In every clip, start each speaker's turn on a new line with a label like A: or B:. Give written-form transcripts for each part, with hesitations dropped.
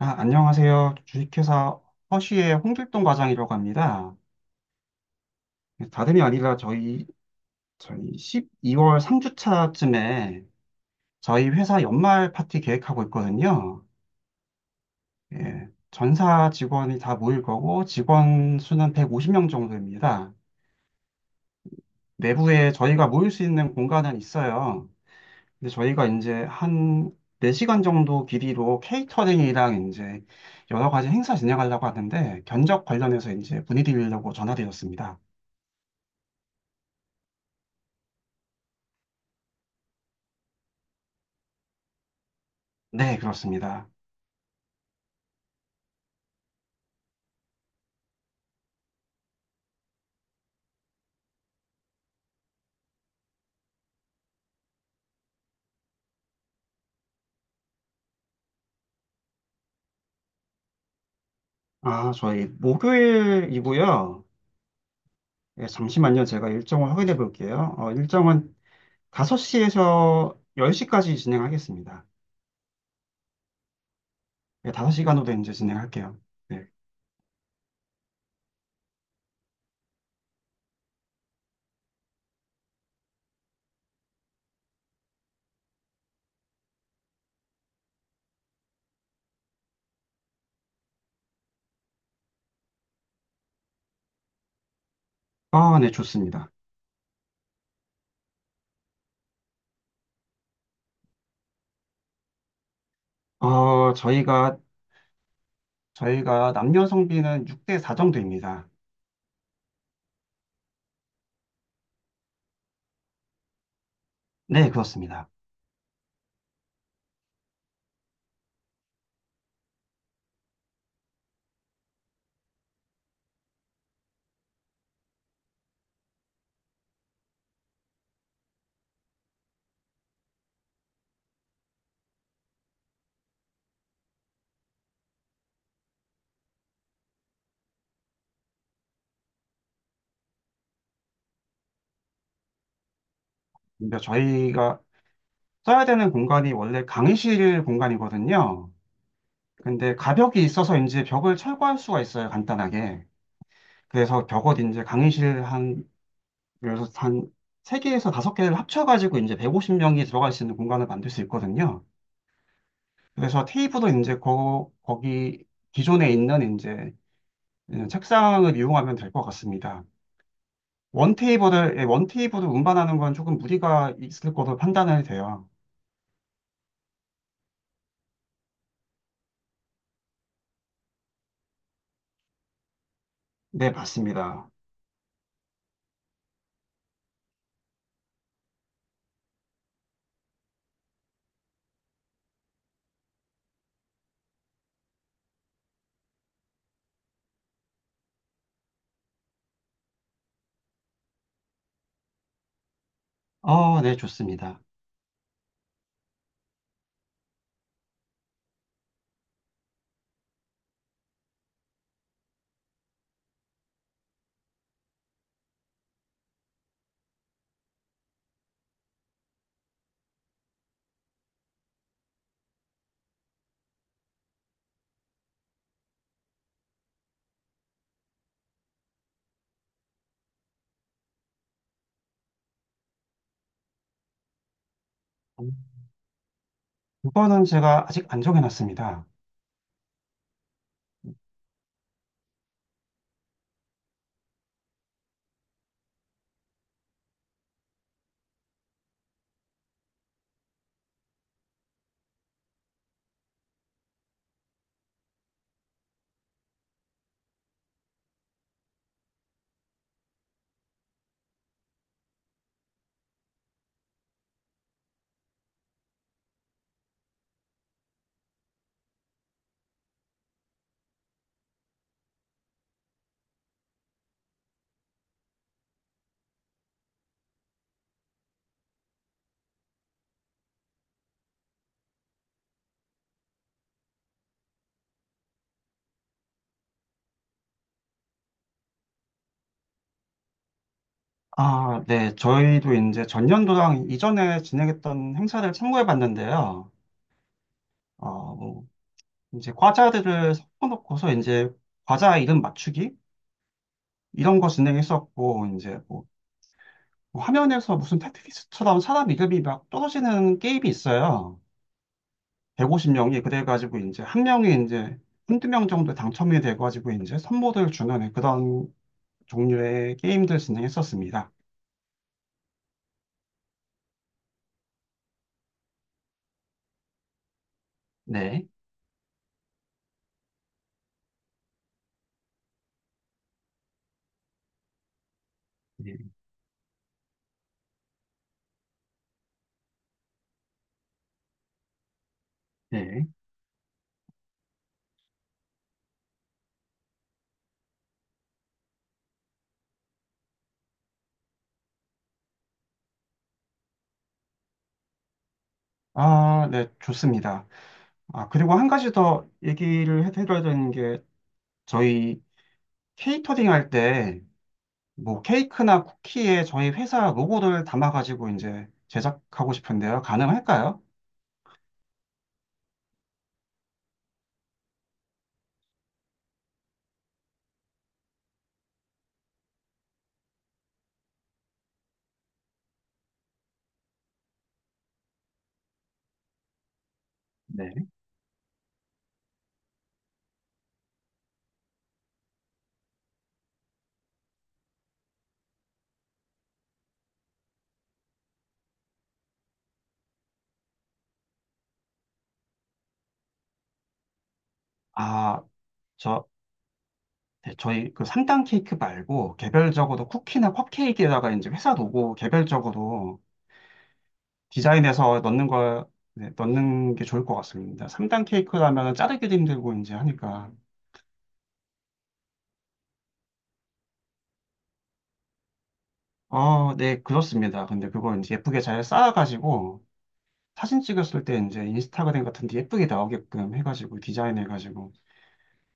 A: 아, 안녕하세요. 주식회사 허쉬의 홍길동 과장이라고 합니다. 네, 다름이 아니라 저희 12월 3주차쯤에 저희 회사 연말 파티 계획하고 있거든요. 예, 전사 직원이 다 모일 거고 직원 수는 150명 정도입니다. 내부에 저희가 모일 수 있는 공간은 있어요. 근데 저희가 이제 한 4시간 정도 길이로 케이터링이랑 이제 여러 가지 행사 진행하려고 하는데 견적 관련해서 이제 문의드리려고 전화드렸습니다. 네, 그렇습니다. 아, 저희 목요일이고요. 예, 잠시만요. 제가 일정을 확인해 볼게요. 일정은 5시에서 10시까지 진행하겠습니다. 예, 5시간으로 이제 진행할게요. 네. 아, 네, 좋습니다. 어, 저희가, 저희가 남녀 성비는 6대 4 정도입니다. 네, 그렇습니다. 근데 저희가 써야 되는 공간이 원래 강의실 공간이거든요. 근데 가벽이 있어서 이제 벽을 철거할 수가 있어요, 간단하게. 그래서 벽옷 이제 강의실 한 그래서 단 3개에서 5개를 합쳐가지고 이제 150명이 들어갈 수 있는 공간을 만들 수 있거든요. 그래서 테이블도 이제 거기 기존에 있는 이제 책상을 이용하면 될 것 같습니다. 원 테이블을, 예, 원 테이블을 운반하는 건 조금 무리가 있을 것으로 판단이 돼요. 네, 맞습니다. 네, 좋습니다. 그거는 제가 아직 안 정해놨습니다. 아, 네. 저희도 이제 전년도랑 이전에 진행했던 행사를 참고해 봤는데요. 이제 과자들을 섞어놓고서 이제 과자 이름 맞추기 이런 거 진행했었고 이제 뭐 화면에서 무슨 테트리스처럼 사람 이름이 막 떨어지는 게임이 있어요. 150명이 그래가지고 이제 한 명이 이제 한두 명 정도 당첨이 돼가지고 이제 선물을 주는 그런 종류의 게임들 진행했었습니다. 네. 네. 네. 아, 네, 좋습니다. 아, 그리고 한 가지 더 얘기를 해드려야 되는 게 저희 케이터링 할때 뭐 케이크나 쿠키에 저희 회사 로고를 담아가지고 이제 제작하고 싶은데요. 가능할까요? 네. 아, 저, 네, 저희 그 3단 케이크 말고 개별적으로 쿠키나 컵케이크에다가 이제 회사 로고 개별적으로 디자인해서 넣는 걸, 네, 넣는 게 좋을 것 같습니다. 3단 케이크라면 자르기도 힘들고 이제 하니까. 네, 그렇습니다. 근데 그걸 이제 예쁘게 잘 쌓아가지고 사진 찍었을 때 이제 인스타그램 같은 데 예쁘게 나오게끔 해가지고 디자인해가지고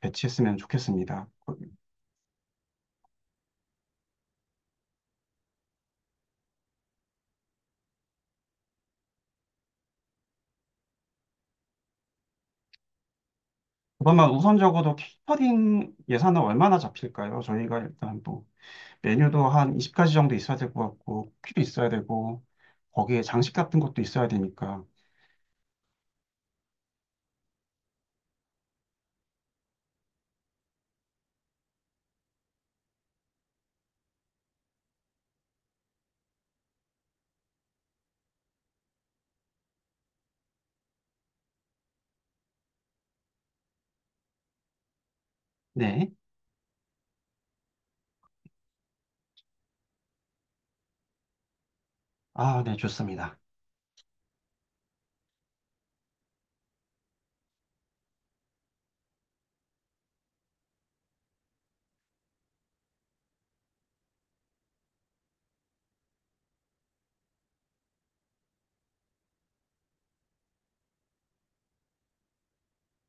A: 배치했으면 좋겠습니다. 것만면 우선적으로 케이터링 예산은 얼마나 잡힐까요? 저희가 일단 뭐 메뉴도 한 20가지 정도 있어야 될 것 같고 쿠키도 있어야 되고 거기에 장식 같은 것도 있어야 되니까. 네. 아, 네, 좋습니다.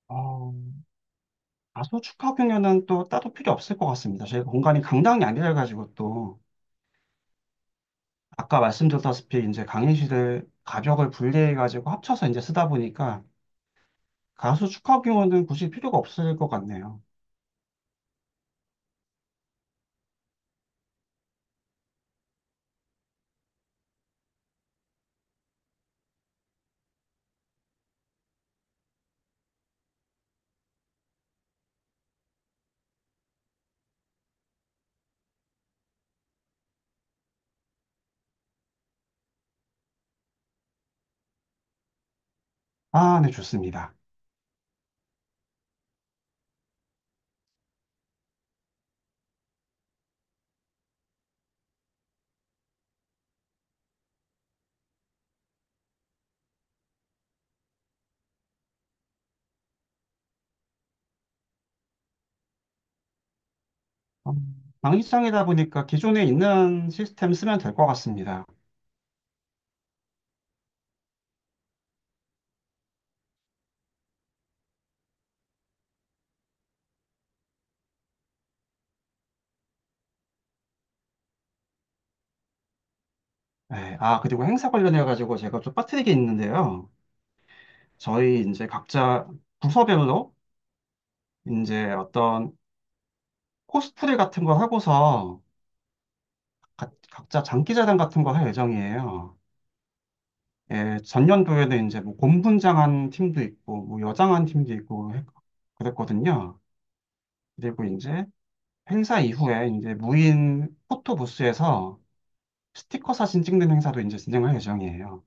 A: 어, 다소 축하 공연은 또 따로 필요 없을 것 같습니다. 저희가 공간이 강당이 아니라가지고 또 아까 말씀드렸다시피 이제 강의실을 가벽을 분리해가지고 합쳐서 이제 쓰다 보니까 가수 축하 공연은 굳이 필요가 없을 것 같네요. 아, 네, 좋습니다. 어, 방위성이다 보니까 기존에 있는 시스템 쓰면 될 것 같습니다. 네, 아, 그리고 행사 관련해가지고 제가 좀 빠뜨리게 있는데요. 저희 이제 각자 부서별로 이제 어떤 코스프레 같은 거 하고서 각자 장기자랑 같은 거 할 예정이에요. 예, 전년도에는 이제 뭐 곰분장한 팀도 있고, 뭐 여장한 팀도 있고 그랬거든요. 그리고 이제 행사 이후에 이제 무인 포토 부스에서 스티커 사진 찍는 행사도 이제 진행할 예정이에요.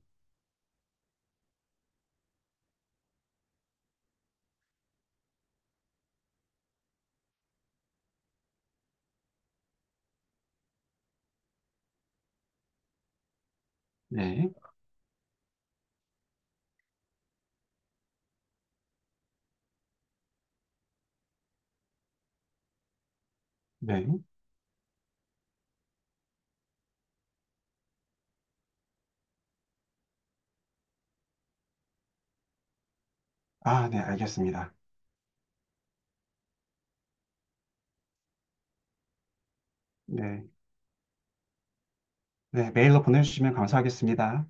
A: 네, 네. 아, 네, 알겠습니다. 네, 네, 메일로 보내주시면 감사하겠습니다.